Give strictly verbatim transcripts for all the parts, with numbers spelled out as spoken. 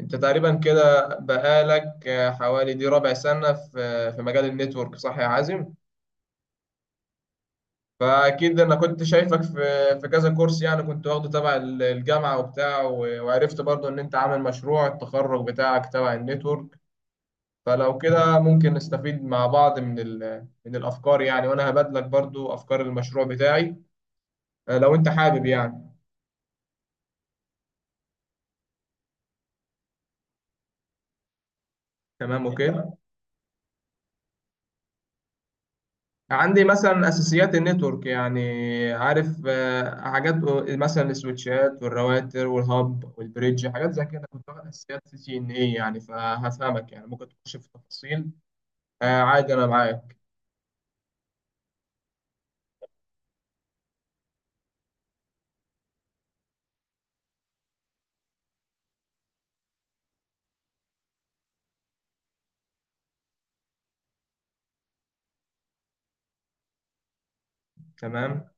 انت تقريبا كده بقالك آه، حوالي دي ربع سنة في آه، في مجال النتورك صح يا عازم؟ فاكيد انا كنت شايفك في في كذا كورس يعني كنت واخده تبع ال- الجامعة وبتاع و- وعرفت برضو ان انت عامل مشروع التخرج بتاعك تبع النتورك. فلو كده ممكن نستفيد مع بعض من ال- من الافكار يعني، وانا هبادلك برضو افكار المشروع بتاعي. آه، لو انت حابب يعني. تمام، اوكي. عندي مثلا اساسيات النتورك يعني، عارف، آه، حاجات مثلا السويتشات والراوتر والهاب والبريدج، حاجات زي كده، كنت واخد اساسيات سي سي ان اي يعني، فهفهمك يعني ممكن تخش في تفاصيل. آه، عادي انا معاك. تمام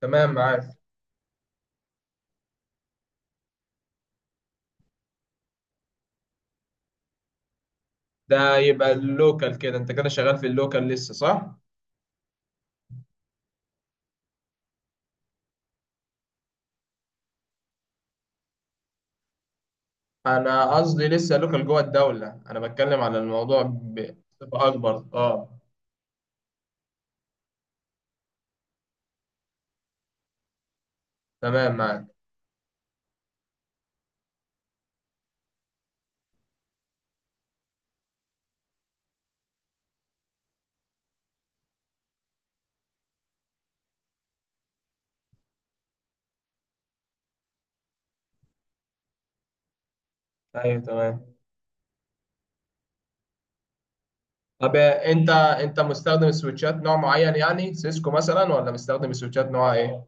تمام معاك. ده يبقى اللوكال كده، انت كده شغال في اللوكال لسه صح؟ انا قصدي لسه لوكال جوه الدولة، انا بتكلم على الموضوع بصفة اكبر. اه تمام معاك. ايوه تمام. طب انت انت مستخدم السويتشات نوع معين يعني سيسكو مثلا، ولا مستخدم السويتشات نوع ايه؟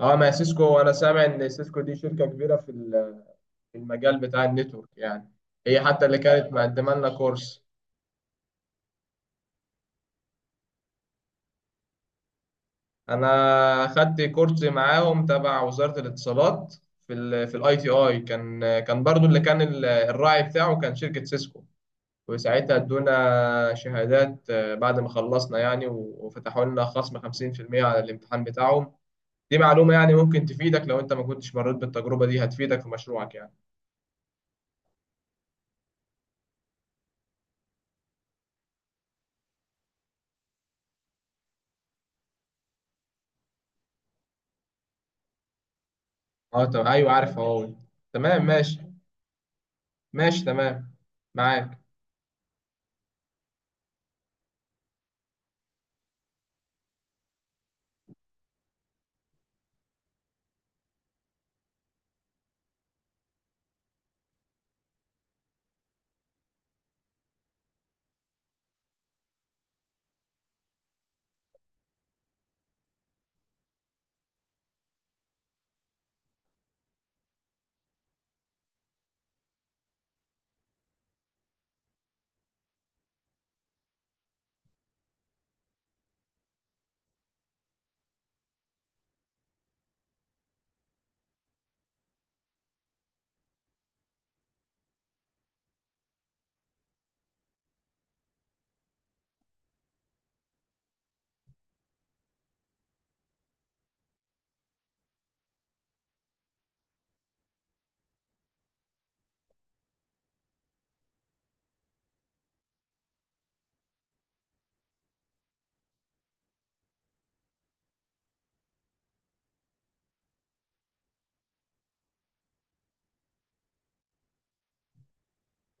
اه ما هي سيسكو، انا سامع ان سيسكو دي شركة كبيرة في ال- في المجال بتاع النتورك يعني، هي حتى اللي كانت مقدمة لنا كورس. انا خدت كورس معاهم تبع وزارة الاتصالات، في ال في الاي تي اي، كان كان برضو اللي كان ال- الراعي بتاعه كان شركة سيسكو. وساعتها ادونا شهادات، آه، بعد ما خلصنا يعني و- وفتحوا لنا خصم خمسين في المية على الامتحان بتاعهم. دي معلومة يعني ممكن تفيدك، لو انت ما كنتش مريت بالتجربة دي هتفيدك في مشروعك يعني. اه تمام، ايوه عارف هواوي. تمام ماشي. ماشي تمام معاك.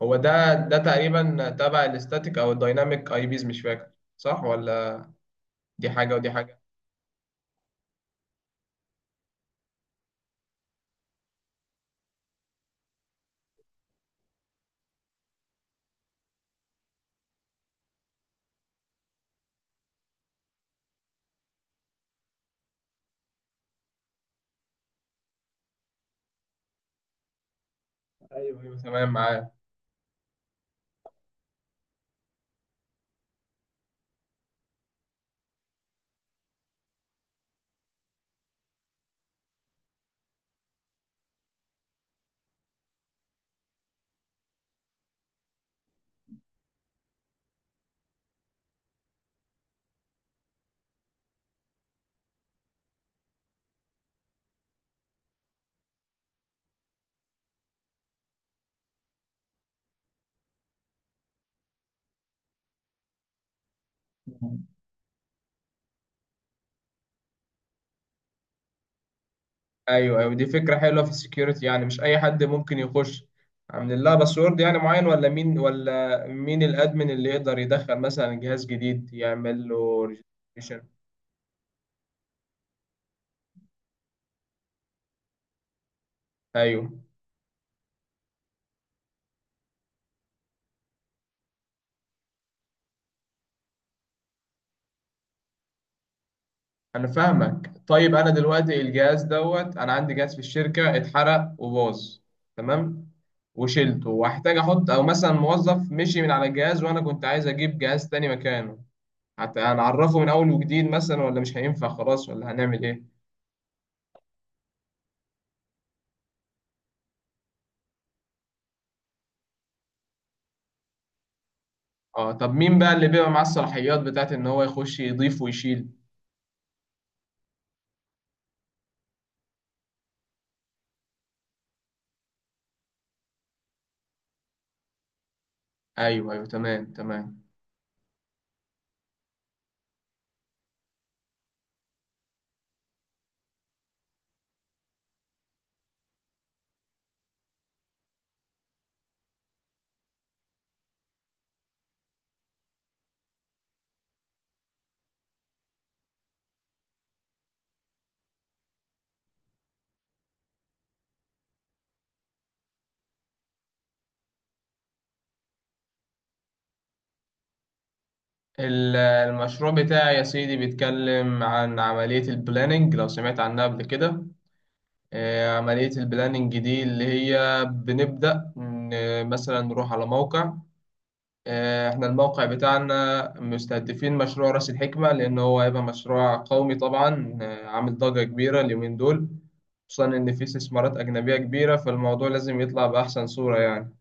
هو ده ده تقريبا تبع الاستاتيك او الدايناميك اي بيز، مش فاكر، صح ولا؟ دي حاجة ودي حاجة. ايوه ايوه تمام معاك. ايوه ايوه، دي فكرة حلوة في السكيورتي يعني، مش اي حد ممكن يخش، عاملين لها باسورد يعني معين، ولا مين ولا مين الادمن اللي يقدر يدخل مثلا جهاز جديد يعمل له ريجستريشن؟ ايوه. انا فاهمك. طيب انا دلوقتي الجهاز دوت، انا عندي جهاز في الشركه اتحرق وباظ، تمام، وشلته واحتاج احط، او مثلا موظف مشي من على الجهاز وانا كنت عايز اجيب جهاز تاني مكانه، حتى هنعرفه من اول وجديد مثلا، ولا مش هينفع خلاص، ولا هنعمل ايه؟ اه طب مين بقى اللي بيبقى معاه الصلاحيات بتاعت ان هو يخش يضيف ويشيل؟ ايوه ايوه، تمام تمام. ال- المشروع بتاعي يا سيدي بيتكلم عن عمليه البلاننج، لو سمعت عنها قبل كده. آه، عملية البلاننج دي اللي هي بنبدأ ن- مثلا نروح على موقع. آه، احنا الموقع بتاعنا مستهدفين مشروع رأس الحكمة، لأن هو هيبقى مشروع قومي طبعا، آه، عامل ضجة كبيرة اليومين دول. خصوصا إن فيه استثمارات أجنبية كبيرة، فالموضوع لازم يطلع بأحسن صورة يعني،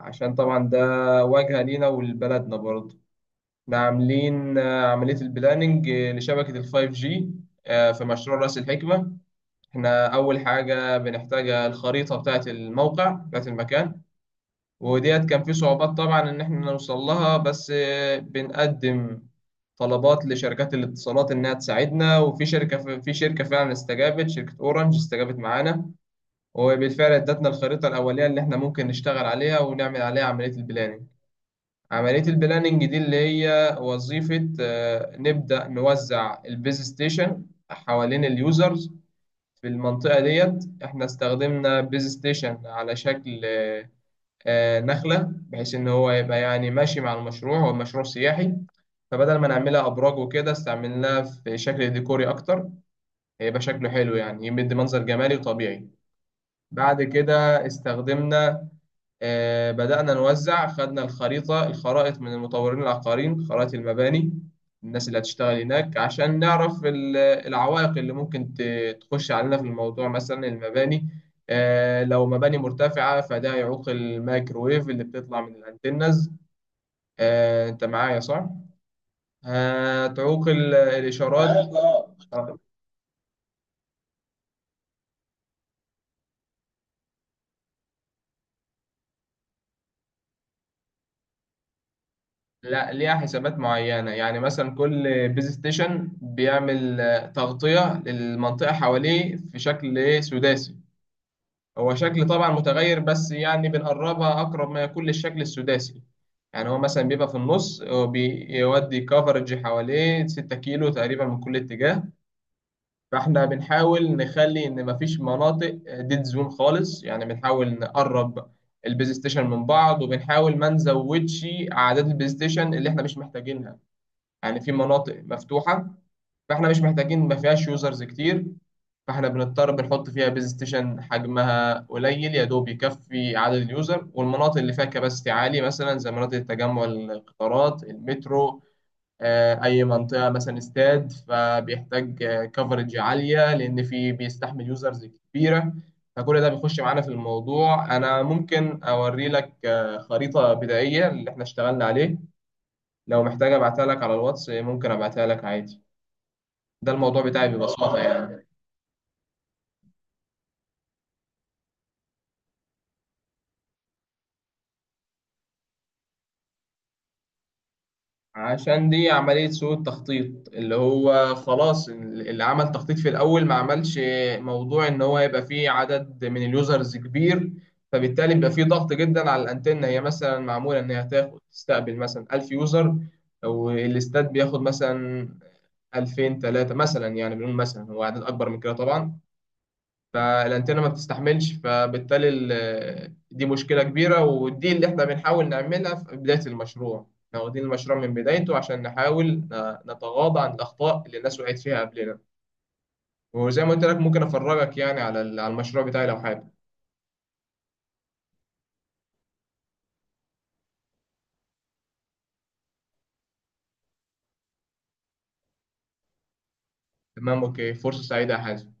عشان طبعا ده واجهة لينا ولبلدنا برضه. احنا عاملين آه، عملية البلاننج آه، لشبكة الفايف جي في مشروع رأس الحكمة. احنا اول حاجه بنحتاج الخريطه بتاعه الموقع بتاعه المكان، وديت كان في صعوبات طبعا ان احنا نوصل لها، بس آه، بنقدم طلبات لشركات الاتصالات انها تساعدنا، وفي شركه في شركه فعلا استجابت، شركه اورنج استجابت معانا. وبالفعل ادتنا الخريطه الاوليه اللي احنا ممكن نشتغل عليها ونعمل عليها عمليه البلاننج. عملية البلاننج دي اللي هي وظيفة، آه، نبدأ نوزع البيز ستيشن حوالين اليوزرز في المنطقة ديت. احنا استخدمنا بيز ستيشن على شكل آه، آه، نخلة، بحيث ان هو يبقى يعني ماشي مع المشروع، هو مشروع سياحي، فبدل ما نعملها ابراج وكده استعملناها في شكل ديكوري اكتر، هيبقى شكله حلو يعني، يمد منظر جمالي وطبيعي. بعد كده استخدمنا، آه، بدأنا نوزع، خدنا الخريطة، الخرائط من المطورين العقاريين، خرائط المباني، الناس اللي هتشتغل هناك، عشان نعرف ال- العوائق اللي ممكن ت- تخش علينا في الموضوع، مثلا المباني. آه، لو مباني مرتفعة، فده يعوق الميكروويف اللي بتطلع من الانتنز. آه، انت معايا صح؟ هتعوق ال- الإشارات. لا، ليها حسابات معينة يعني، مثلا كل بيز ستيشن بيعمل آه، تغطية للمنطقة حواليه في شكل إيه؟ سداسي. هو شكل طبعا متغير، بس يعني بنقربها أقرب ما يكون للشكل السداسي. يعني هو مثلا بيبقى في النص، هو بيودي كفرج حواليه 6 كيلو تقريبا من كل اتجاه. فاحنا بنحاول نخلي ان مفيش مناطق ديد زون خالص يعني، بنحاول نقرب البيز ستيشن من بعض، وبنحاول ما نزودش اعداد البلاي ستيشن اللي احنا مش محتاجينها. يعني في مناطق مفتوحة، فاحنا مش محتاجين، ما فيهاش يوزرز كتير، فاحنا بنضطر بنحط فيها بيز ستيشن حجمها قليل يا دوب يكفي عدد اليوزر، والمناطق اللي فيها كباستي عالي مثلا زي مناطق التجمع، القطارات، المترو، آه، اي منطقة مثلا استاد، فبيحتاج كفرج عالية، لان في بيستحمل يوزرز كبيرة. فكل ده بيخش معانا في الموضوع. انا ممكن اوري لك آه، خريطة بدائية اللي احنا اشتغلنا عليه، لو محتاج ابعتها لك على الواتس ممكن ابعتها لك عادي. ده الموضوع بتاعي ببساطة يعني. عشان دي عملية سوء التخطيط، اللي هو خلاص اللي عمل تخطيط في الأول ما عملش موضوع إن هو يبقى فيه عدد من اليوزرز كبير، فبالتالي بيبقى فيه ضغط جدا على الأنتنة، هي مثلا معمولة إن هي تاخد تستقبل مثلا ألف يوزر، والاستاد بياخد مثلا ألفين ثلاثة مثلا، يعني بنقول مثلا هو عدد أكبر من كده طبعا. فالانتنه ما بتستحملش، فبالتالي ال- آه، دي مشكله كبيره، ودي اللي احنا بنحاول نعملها في بدايه المشروع، احنا واخدين المشروع من بدايته عشان نحاول ن- نتغاضى عن الاخطاء اللي الناس وقعت فيها قبلنا. وزي ما قلت لك ممكن افرجك يعني على ال- على المشروع بتاعي لو حابب. تمام اوكي، فرصه سعيده يا حازم.